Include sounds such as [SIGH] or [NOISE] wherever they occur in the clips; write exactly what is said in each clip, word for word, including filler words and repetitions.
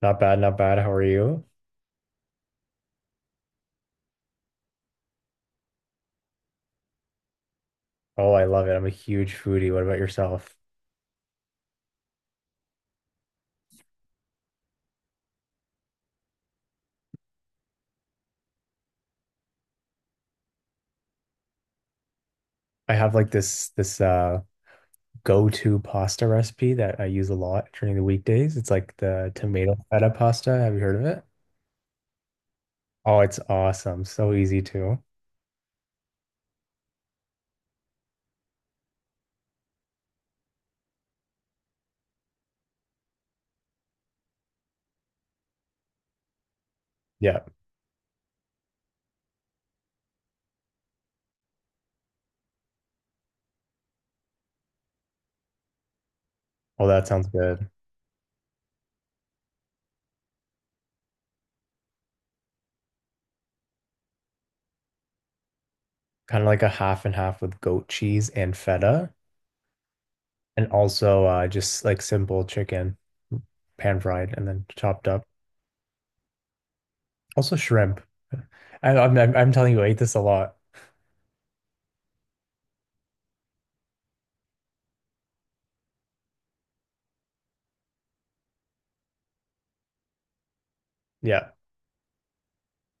Not bad, not bad. How are you? Oh, I love it. I'm a huge foodie. What about yourself? I have like this this uh go-to pasta recipe that I use a lot during the weekdays. It's like the tomato feta pasta. Have you heard of it? Oh, it's awesome. So easy too. Yeah. Oh, that sounds good. Kind of like a half and half with goat cheese and feta, and also uh just like simple chicken, pan fried and then chopped up. Also shrimp. I, I'm I'm I'm telling you, I eat this a lot. Yeah.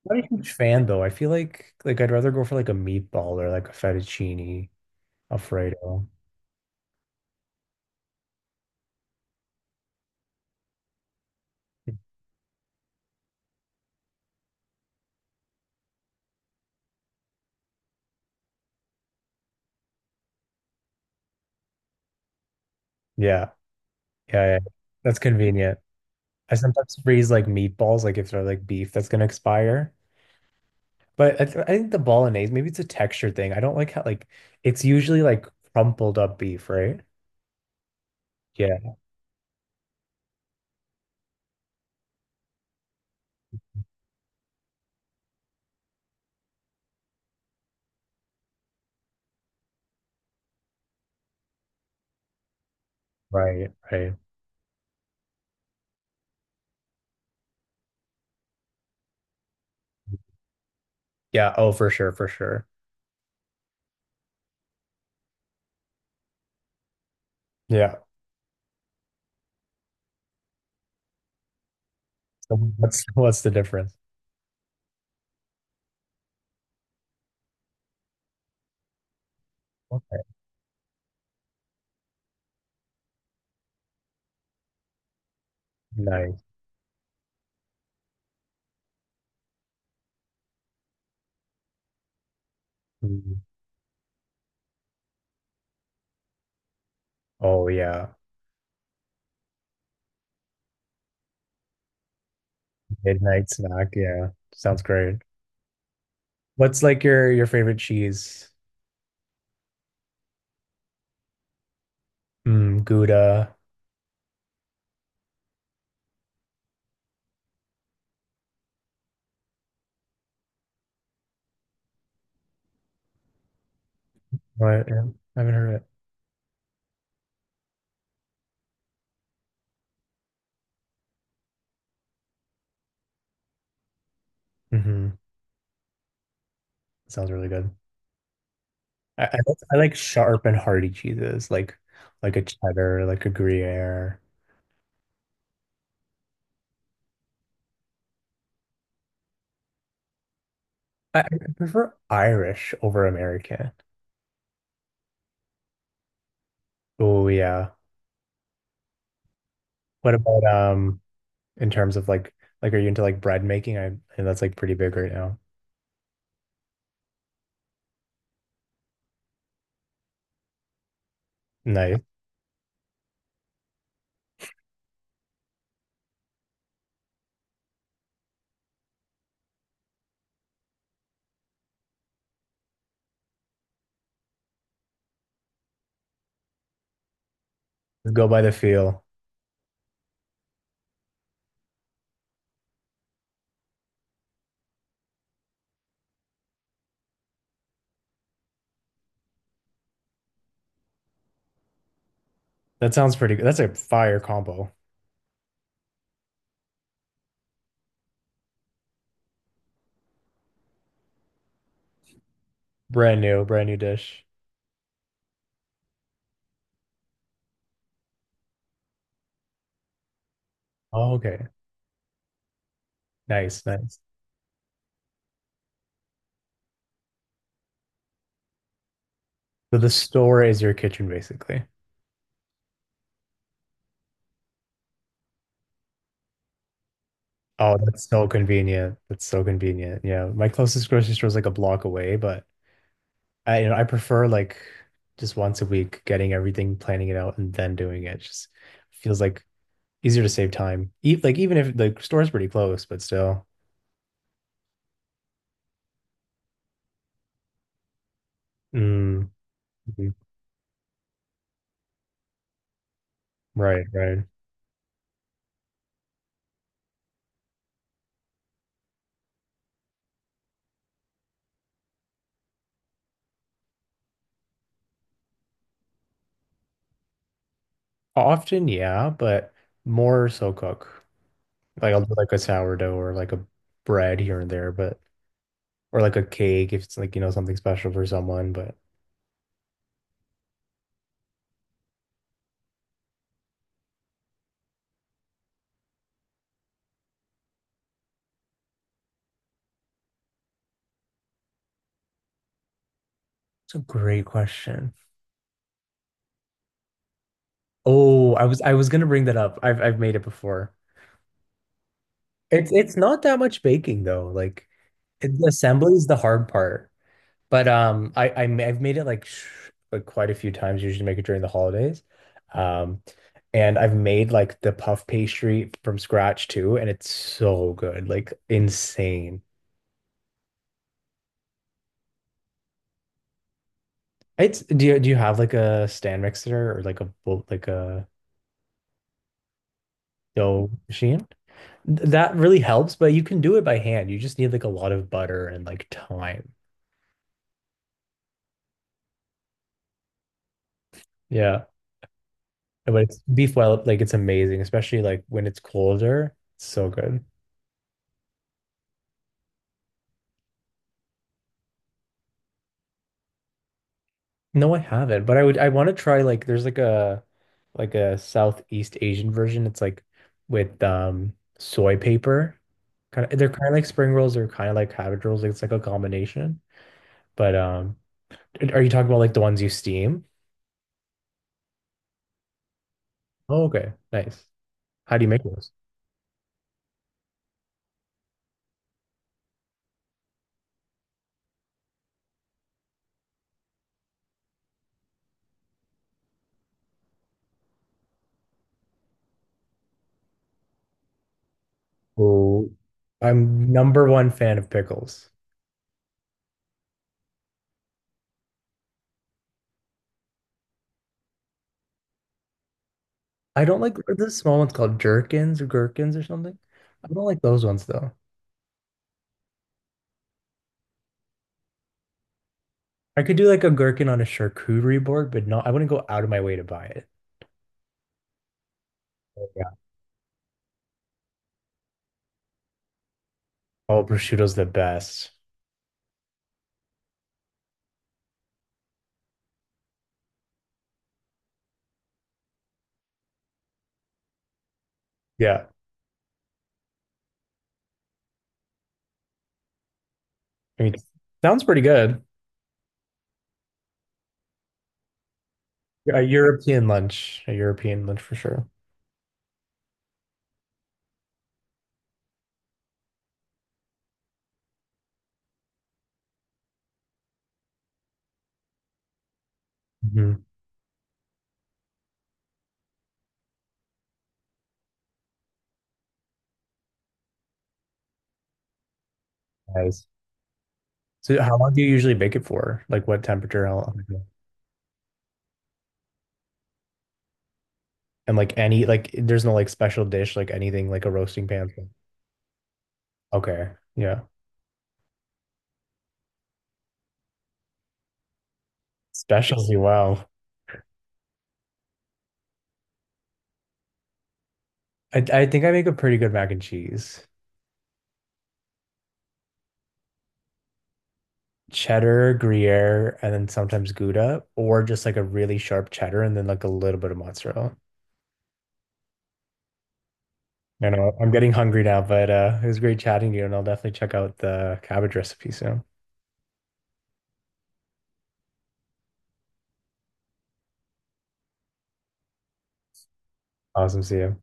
Not a huge fan though. I feel like like I'd rather go for like a meatball or like a fettuccine Alfredo. Yeah, yeah, yeah. That's convenient. I sometimes freeze like meatballs, like if they're like beef that's gonna expire. But I, th I think the bolognese, maybe it's a texture thing. I don't like how like it's usually like crumpled up beef, right? Yeah, right, right. Yeah, oh for sure, for sure. Yeah. So what's [LAUGHS] what's the difference? Nice. Mm. Oh yeah. Midnight snack, yeah. Sounds great. What's like your your favorite cheese? Mm, Gouda. What? Yeah, I haven't heard of it. Hmm. Sounds really good. I, I like I like sharp and hearty cheeses, like like a cheddar, like a Gruyere. I, I prefer Irish over American. Oh yeah. What about um in terms of like like are you into like bread making? I and that's like pretty big right now. Nice. Go by the feel. That sounds pretty good. That's a fire combo. Brand new, brand new dish. Oh, okay. Nice, nice. So the store is your kitchen, basically. Oh, that's so convenient. That's so convenient. Yeah, my closest grocery store is like a block away, but I, you know, I prefer like just once a week getting everything, planning it out, and then doing it. Just feels like easier to save time. E like even if the store's pretty close, but still. Mm, mhm. Right, right. Often, yeah, but more so cook. Like I'll do like a sourdough or like a bread here and there, but or like a cake if it's like, you know, something special for someone, but. It's a great question. Oh, I was I was gonna bring that up. I've I've made it before. It's it's not that much baking though. Like it, the assembly is the hard part. But um, I, I ma- I've made it like sh like quite a few times. Usually make it during the holidays. Um, and I've made like the puff pastry from scratch too, and it's so good, like insane. It's do you do you have like a stand mixer or like a bowl like a dough machine? Th- That really helps, but you can do it by hand. You just need like a lot of butter and like time. Yeah. But it's beef well, like it's amazing, especially like when it's colder. It's so good. No, I haven't, but I would I want to try like there's like a like a Southeast Asian version. It's like with um soy paper. Kind of they're kind of like spring rolls, they're kind of like cabbage rolls. Like it's like a combination. But um are you talking about like the ones you steam? Oh, okay. Nice. How do you make those? Oh, I'm number one fan of pickles. I don't like are the small ones called jerkins or gherkins or something. I don't like those ones though. I could do like a gherkin on a charcuterie board, but not, I wouldn't go out of my way to buy it. Yeah. Oh, prosciutto's the best. Yeah. I mean, sounds pretty good. Yeah, A European lunch, a European lunch for sure. Mhm. Nice. So how long do you usually bake it for? Like what temperature? How long? And like any, like there's no like special dish, like anything like a roasting pan. Okay. Yeah. Specialty, wow. I, I think I make a pretty good mac and cheese. Cheddar, Gruyere, and then sometimes Gouda, or just like a really sharp cheddar and then like a little bit of mozzarella. I know I'm getting hungry now, but uh, it was great chatting to you, and I'll definitely check out the cabbage recipe soon. Awesome, see you.